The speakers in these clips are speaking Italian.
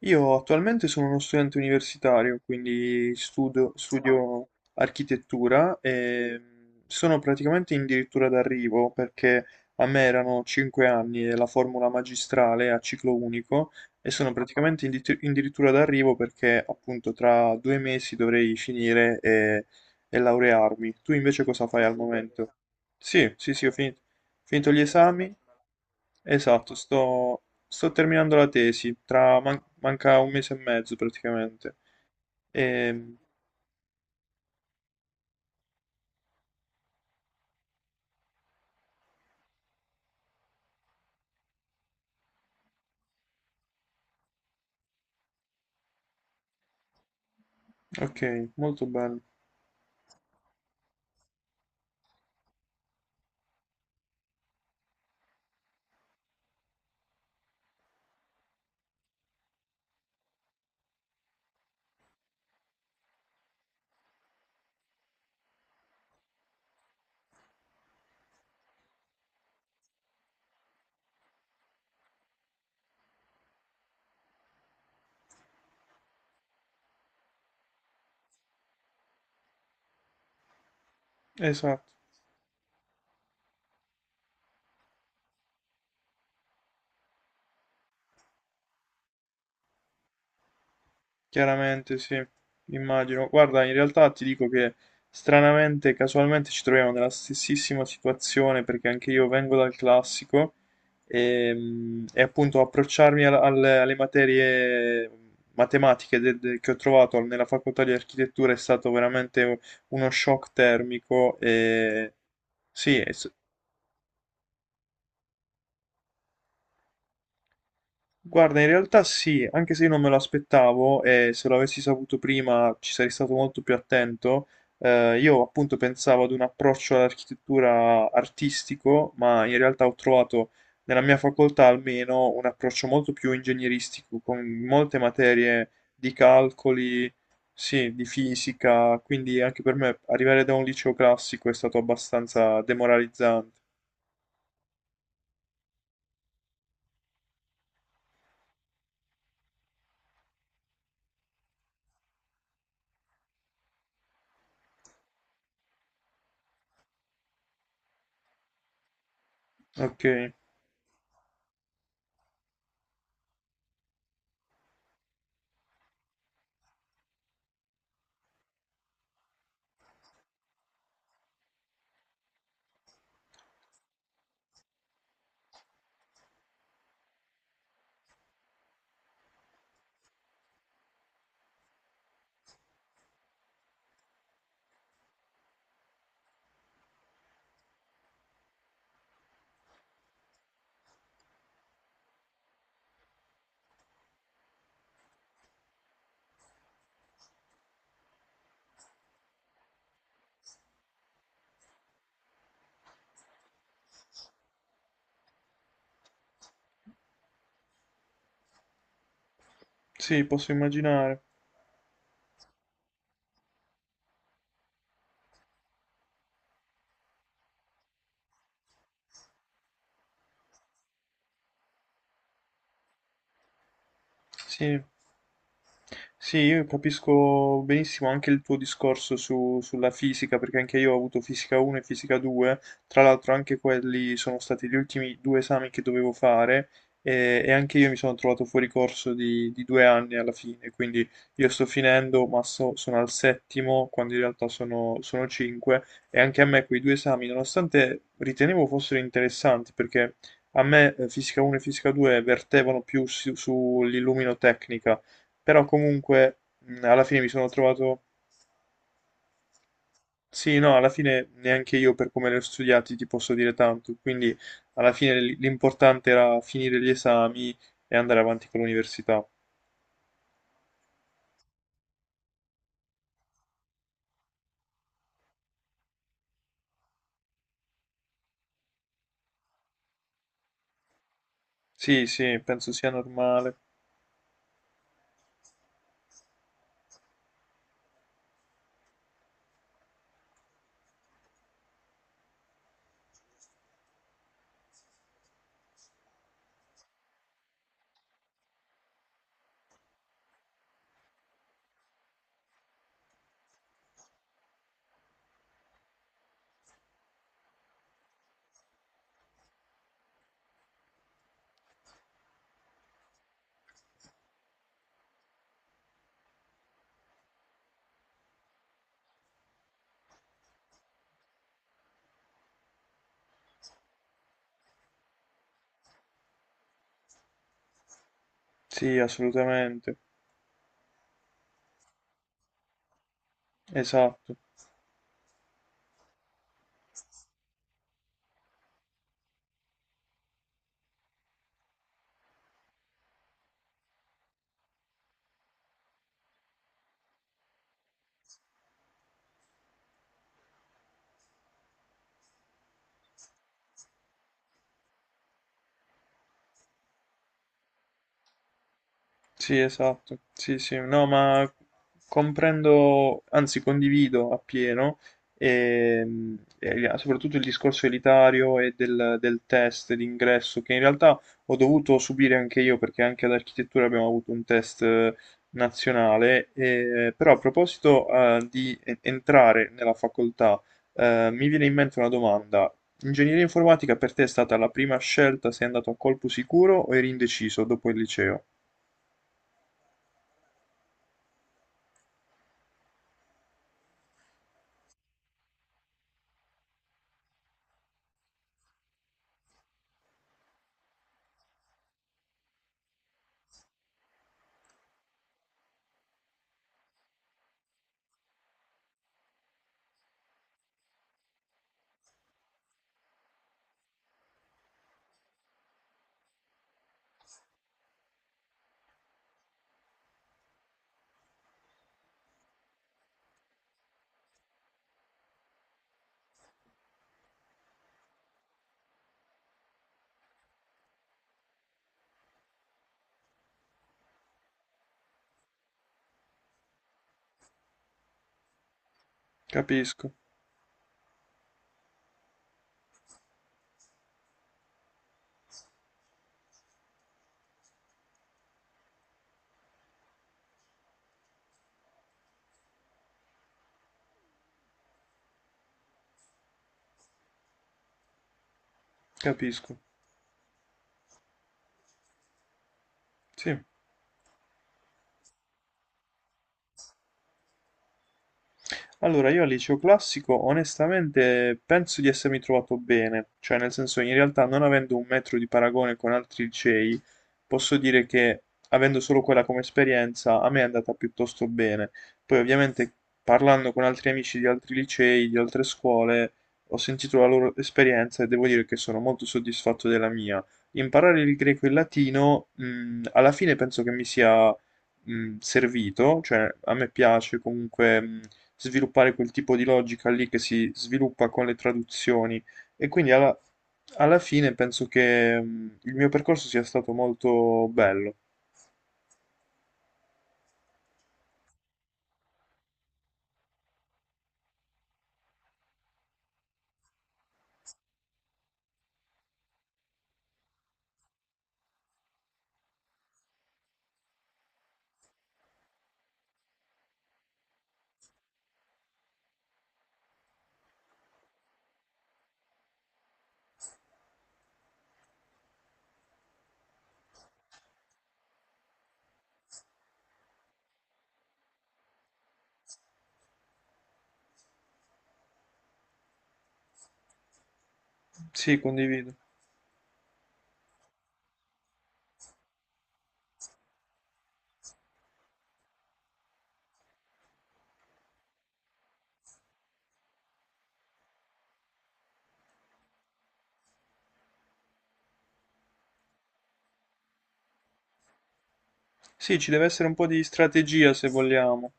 Io attualmente sono uno studente universitario, quindi studio architettura e sono praticamente addirittura d'arrivo perché a me erano 5 anni e la formula magistrale a ciclo unico e sono praticamente addirittura d'arrivo perché appunto tra 2 mesi dovrei finire e laurearmi. Tu invece cosa fai al momento? Sì, sì, sì, ho finito gli esami. Esatto, Sto terminando la tesi, tra manca un mese e mezzo praticamente. E, ok, molto bello. Esatto, chiaramente sì, immagino. Guarda, in realtà ti dico che stranamente, casualmente ci troviamo nella stessissima situazione perché anche io vengo dal classico e appunto approcciarmi alle materie matematiche che ho trovato nella facoltà di architettura è stato veramente uno shock termico e Sì, e s- guarda, in realtà sì, anche se io non me lo aspettavo e se lo avessi saputo prima ci sarei stato molto più attento. Io appunto pensavo ad un approccio all'architettura artistico, ma in realtà ho trovato nella mia facoltà almeno un approccio molto più ingegneristico, con molte materie di calcoli, sì, di fisica, quindi anche per me arrivare da un liceo classico è stato abbastanza demoralizzante. Ok, sì, posso immaginare. Sì. Sì, io capisco benissimo anche il tuo discorso sulla fisica, perché anche io ho avuto fisica 1 e fisica 2, tra l'altro anche quelli sono stati gli ultimi due esami che dovevo fare e anche io mi sono trovato fuori corso di 2 anni alla fine, quindi io sto finendo, ma sono al settimo, quando in realtà sono cinque, e anche a me quei due esami, nonostante ritenevo fossero interessanti, perché a me fisica 1 e fisica 2 vertevano più sull'illuminotecnica però comunque alla fine mi sono trovato. Sì, no, alla fine neanche io per come li ho studiati ti posso dire tanto, quindi alla fine l'importante era finire gli esami e andare avanti con l'università. Sì, sì, penso sia normale. Sì, assolutamente. Esatto. Sì, esatto, sì, sì, no, ma comprendo, anzi condivido appieno, e soprattutto il discorso elitario e del, del test d'ingresso, che in realtà ho dovuto subire anche io, perché anche ad architettura abbiamo avuto un test nazionale, e però a proposito di entrare nella facoltà, mi viene in mente una domanda. Ingegneria informatica per te è stata la prima scelta? Sei andato a colpo sicuro o eri indeciso dopo il liceo? Capisco, capisco. Sì. Allora, io al liceo classico onestamente penso di essermi trovato bene, cioè nel senso, in realtà non avendo un metro di paragone con altri licei, posso dire che avendo solo quella come esperienza a me è andata piuttosto bene. Poi ovviamente parlando con altri amici di altri licei, di altre scuole, ho sentito la loro esperienza e devo dire che sono molto soddisfatto della mia. Imparare il greco e il latino, alla fine penso che mi sia servito, cioè a me piace comunque sviluppare quel tipo di logica lì che si sviluppa con le traduzioni e quindi alla fine penso che il mio percorso sia stato molto bello. Sì, condivido. Sì, ci deve essere un po' di strategia se vogliamo.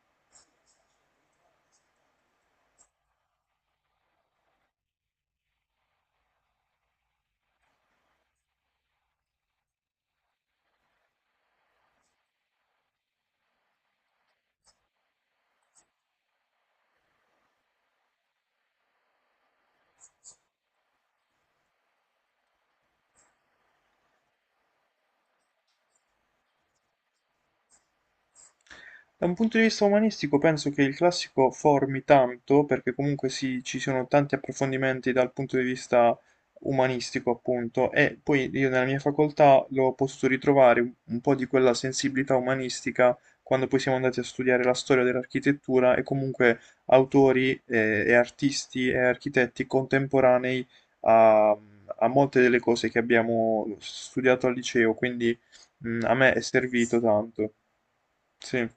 Da un punto di vista umanistico penso che il classico formi tanto, perché comunque ci sono tanti approfondimenti dal punto di vista umanistico, appunto, e poi io nella mia facoltà l'ho potuto ritrovare un po' di quella sensibilità umanistica quando poi siamo andati a studiare la storia dell'architettura e comunque autori e artisti e architetti contemporanei a molte delle cose che abbiamo studiato al liceo, quindi a me è servito tanto. Sì.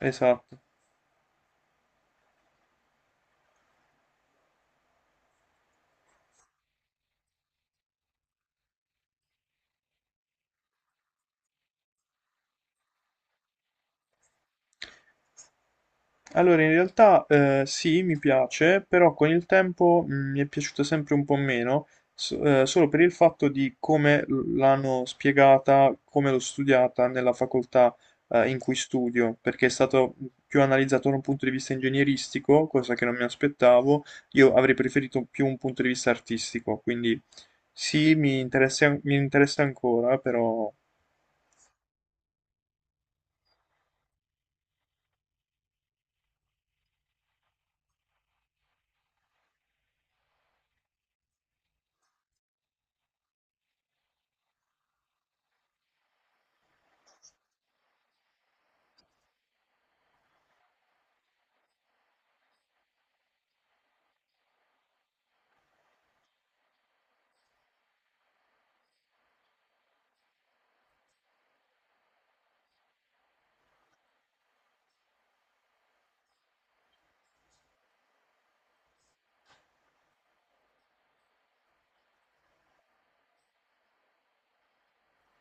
Esatto. Allora, in realtà sì, mi piace, però con il tempo mi è piaciuta sempre un po' meno, solo per il fatto di come l'hanno spiegata, come l'ho studiata nella facoltà in cui studio, perché è stato più analizzato da un punto di vista ingegneristico, cosa che non mi aspettavo. Io avrei preferito più un punto di vista artistico, quindi sì, mi interessa ancora, però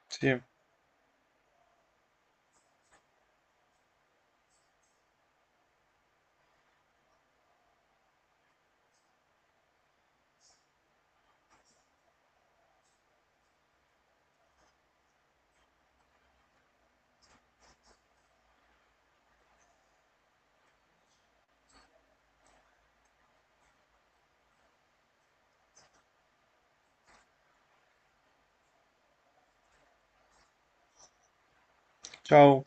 sì. Ciao.